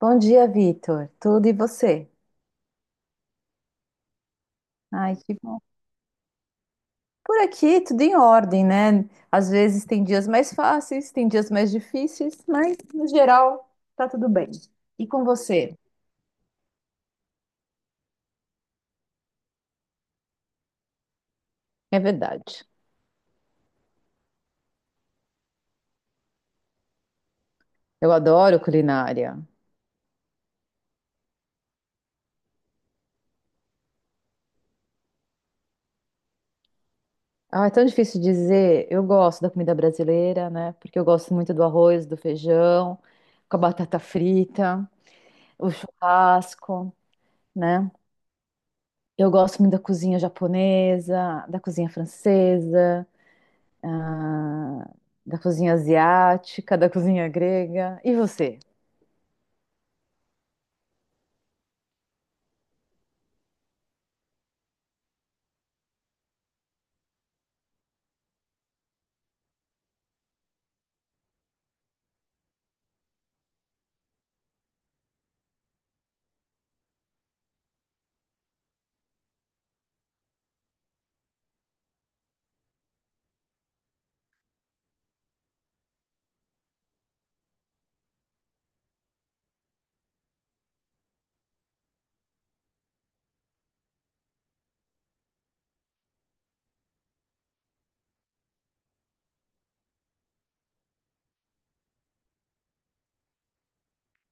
Bom dia, Vitor. Tudo e você? Ai, que bom. Por aqui, tudo em ordem, né? Às vezes tem dias mais fáceis, tem dias mais difíceis, mas no geral tá tudo bem. E com você? É verdade. Eu adoro culinária. Ah, é tão difícil dizer. Eu gosto da comida brasileira, né? Porque eu gosto muito do arroz, do feijão, com a batata frita, o churrasco, né? Eu gosto muito da cozinha japonesa, da cozinha francesa. ah, Da cozinha asiática, da cozinha grega. E você?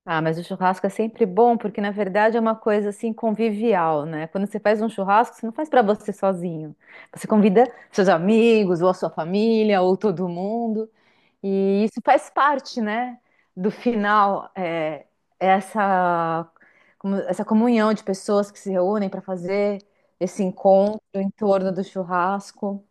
Ah, mas o churrasco é sempre bom, porque na verdade é uma coisa assim convivial, né? Quando você faz um churrasco, você não faz para você sozinho. Você convida seus amigos, ou a sua família, ou todo mundo. E isso faz parte, né? Do final, é essa, essa comunhão de pessoas que se reúnem para fazer esse encontro em torno do churrasco.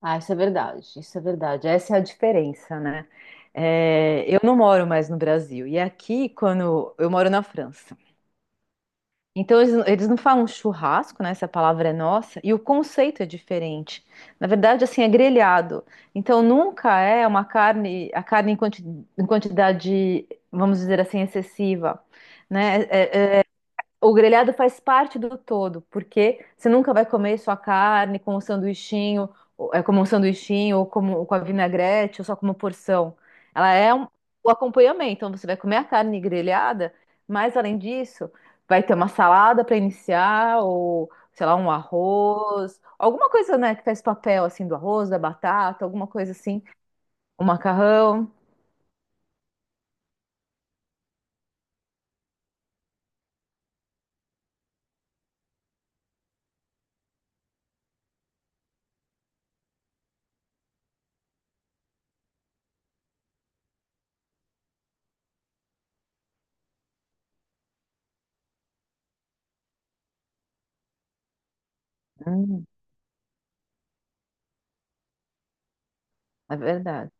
Ah, isso é verdade, isso é verdade. Essa é a diferença, né? É, eu não moro mais no Brasil. E aqui, quando eu moro na França. Então, eles não falam churrasco, né? Essa palavra é nossa. E o conceito é diferente. Na verdade, assim, é grelhado. Então, nunca é uma carne, a carne em em quantidade, vamos dizer assim, excessiva, né? É, o grelhado faz parte do todo, porque você nunca vai comer sua carne com um sanduichinho, como um sanduichinho, ou com a vinagrete, ou só como porção. Ela é o acompanhamento, então você vai comer a carne grelhada, mas além disso, vai ter uma salada para iniciar, ou sei lá, um arroz, alguma coisa, né, que faz papel assim do arroz, da batata, alguma coisa assim, um macarrão. Hum, É verdade.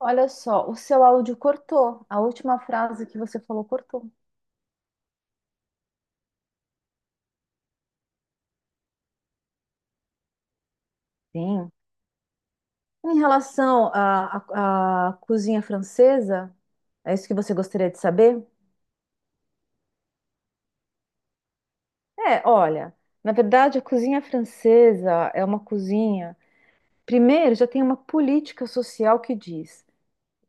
Olha só, o seu áudio cortou. A última frase que você falou cortou. Sim. Em relação à cozinha francesa, é isso que você gostaria de saber? É, olha, na verdade, a cozinha francesa é uma cozinha. Primeiro, já tem uma política social que diz: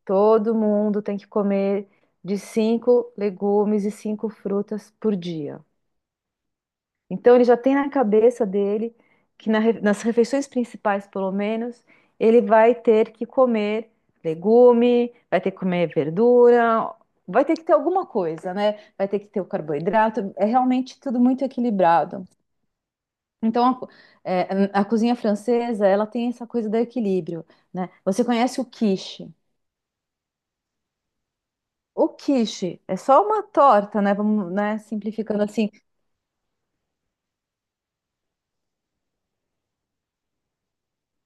todo mundo tem que comer de cinco legumes e cinco frutas por dia. Então ele já tem na cabeça dele que nas refeições principais, pelo menos, ele vai ter que comer legume, vai ter que comer verdura, vai ter que ter alguma coisa, né? Vai ter que ter o carboidrato. É realmente tudo muito equilibrado. Então é, a cozinha francesa, ela tem essa coisa do equilíbrio, né? Você conhece o quiche? O quiche é só uma torta, né? Vamos, né, simplificando assim.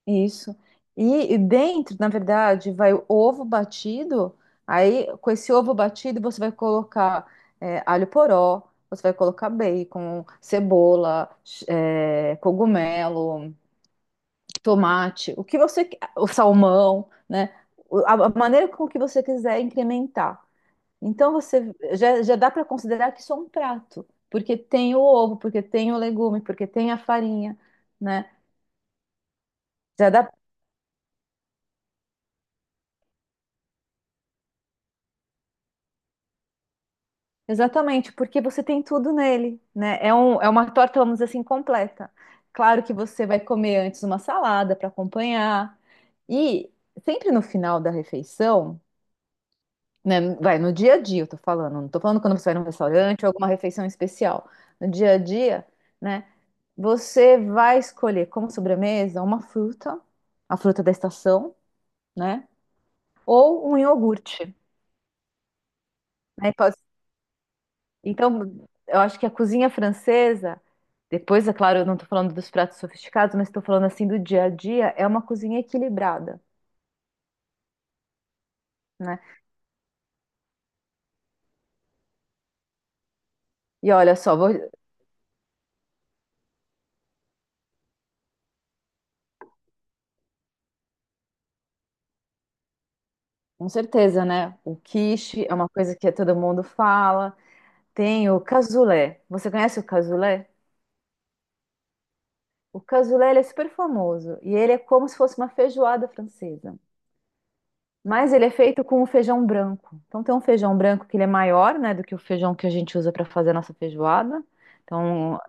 Isso. E dentro, na verdade, vai o ovo batido. Aí, com esse ovo batido, você vai colocar alho poró, você vai colocar bacon, cebola, cogumelo, tomate, o que você, o salmão, né? A maneira com que você quiser incrementar. Então, você já dá para considerar que isso é um prato, porque tem o ovo, porque tem o legume, porque tem a farinha, né? Já dá. Exatamente, porque você tem tudo nele, né? É, é uma torta, vamos dizer assim, completa. Claro que você vai comer antes uma salada para acompanhar. E sempre no final da refeição, né? Vai no dia a dia, eu tô falando, não tô falando quando você vai num restaurante ou alguma refeição especial. No dia a dia, né? Você vai escolher como sobremesa uma fruta, a fruta da estação, né? Ou um iogurte, né? Então, eu acho que a cozinha francesa, depois, é claro, eu não estou falando dos pratos sofisticados, mas estou falando assim do dia a dia, é uma cozinha equilibrada, né? E olha só, com certeza, né? O quiche é uma coisa que todo mundo fala. Tem o cassoulet. Você conhece o cassoulet? O cassoulet, ele é super famoso e ele é como se fosse uma feijoada francesa. Mas ele é feito com o feijão branco. Então tem um feijão branco que ele é maior, né, do que o feijão que a gente usa para fazer a nossa feijoada. Então,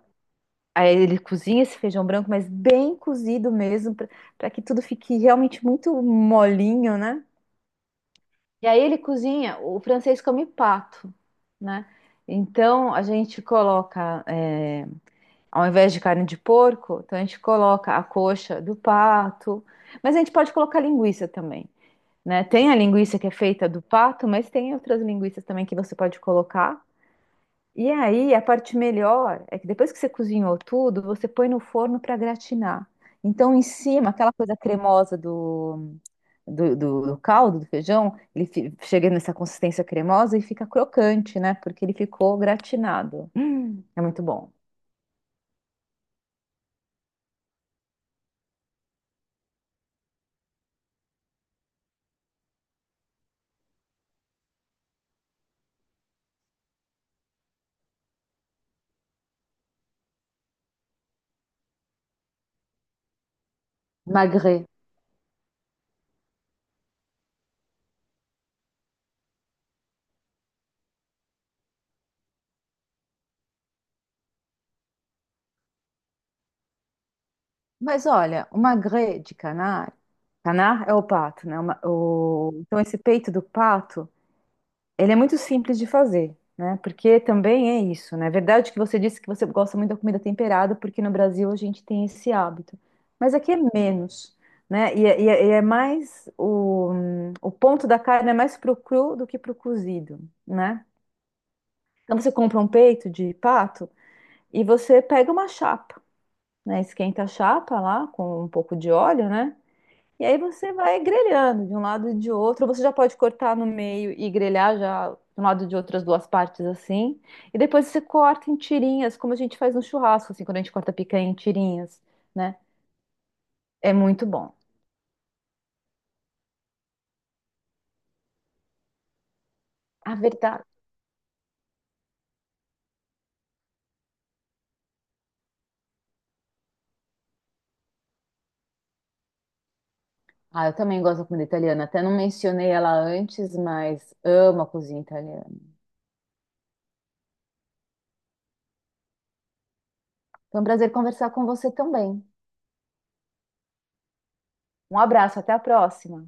aí ele cozinha esse feijão branco, mas bem cozido mesmo, para que tudo fique realmente muito molinho, né? E aí ele cozinha, o francês come pato, né? Então a gente coloca, ao invés de carne de porco, então a gente coloca a coxa do pato, mas a gente pode colocar linguiça também, né? Tem a linguiça que é feita do pato, mas tem outras linguiças também que você pode colocar. E aí, a parte melhor é que depois que você cozinhou tudo, você põe no forno para gratinar. Então, em cima, aquela coisa cremosa do caldo, do feijão, ele chega nessa consistência cremosa e fica crocante, né? Porque ele ficou gratinado. É muito bom. Magret. Mas olha, o magret de canar, canar é o pato, né? Então, esse peito do pato. Ele é muito simples de fazer, né? Porque também é isso, né? É verdade que você disse que você gosta muito da comida temperada, porque no Brasil a gente tem esse hábito. Mas aqui é menos, né? E é mais o ponto da carne é mais pro cru do que pro cozido, né? Então você compra um peito de pato e você pega uma chapa, né? Esquenta a chapa lá com um pouco de óleo, né? E aí você vai grelhando de um lado e de outro. Você já pode cortar no meio e grelhar já de um lado e de outras duas partes assim. E depois você corta em tirinhas, como a gente faz no churrasco, assim, quando a gente corta picanha em tirinhas, né? É muito bom. A verdade. Ah, eu também gosto da comida italiana. Até não mencionei ela antes, mas amo a cozinha italiana. Foi um prazer conversar com você também. Um abraço, até a próxima.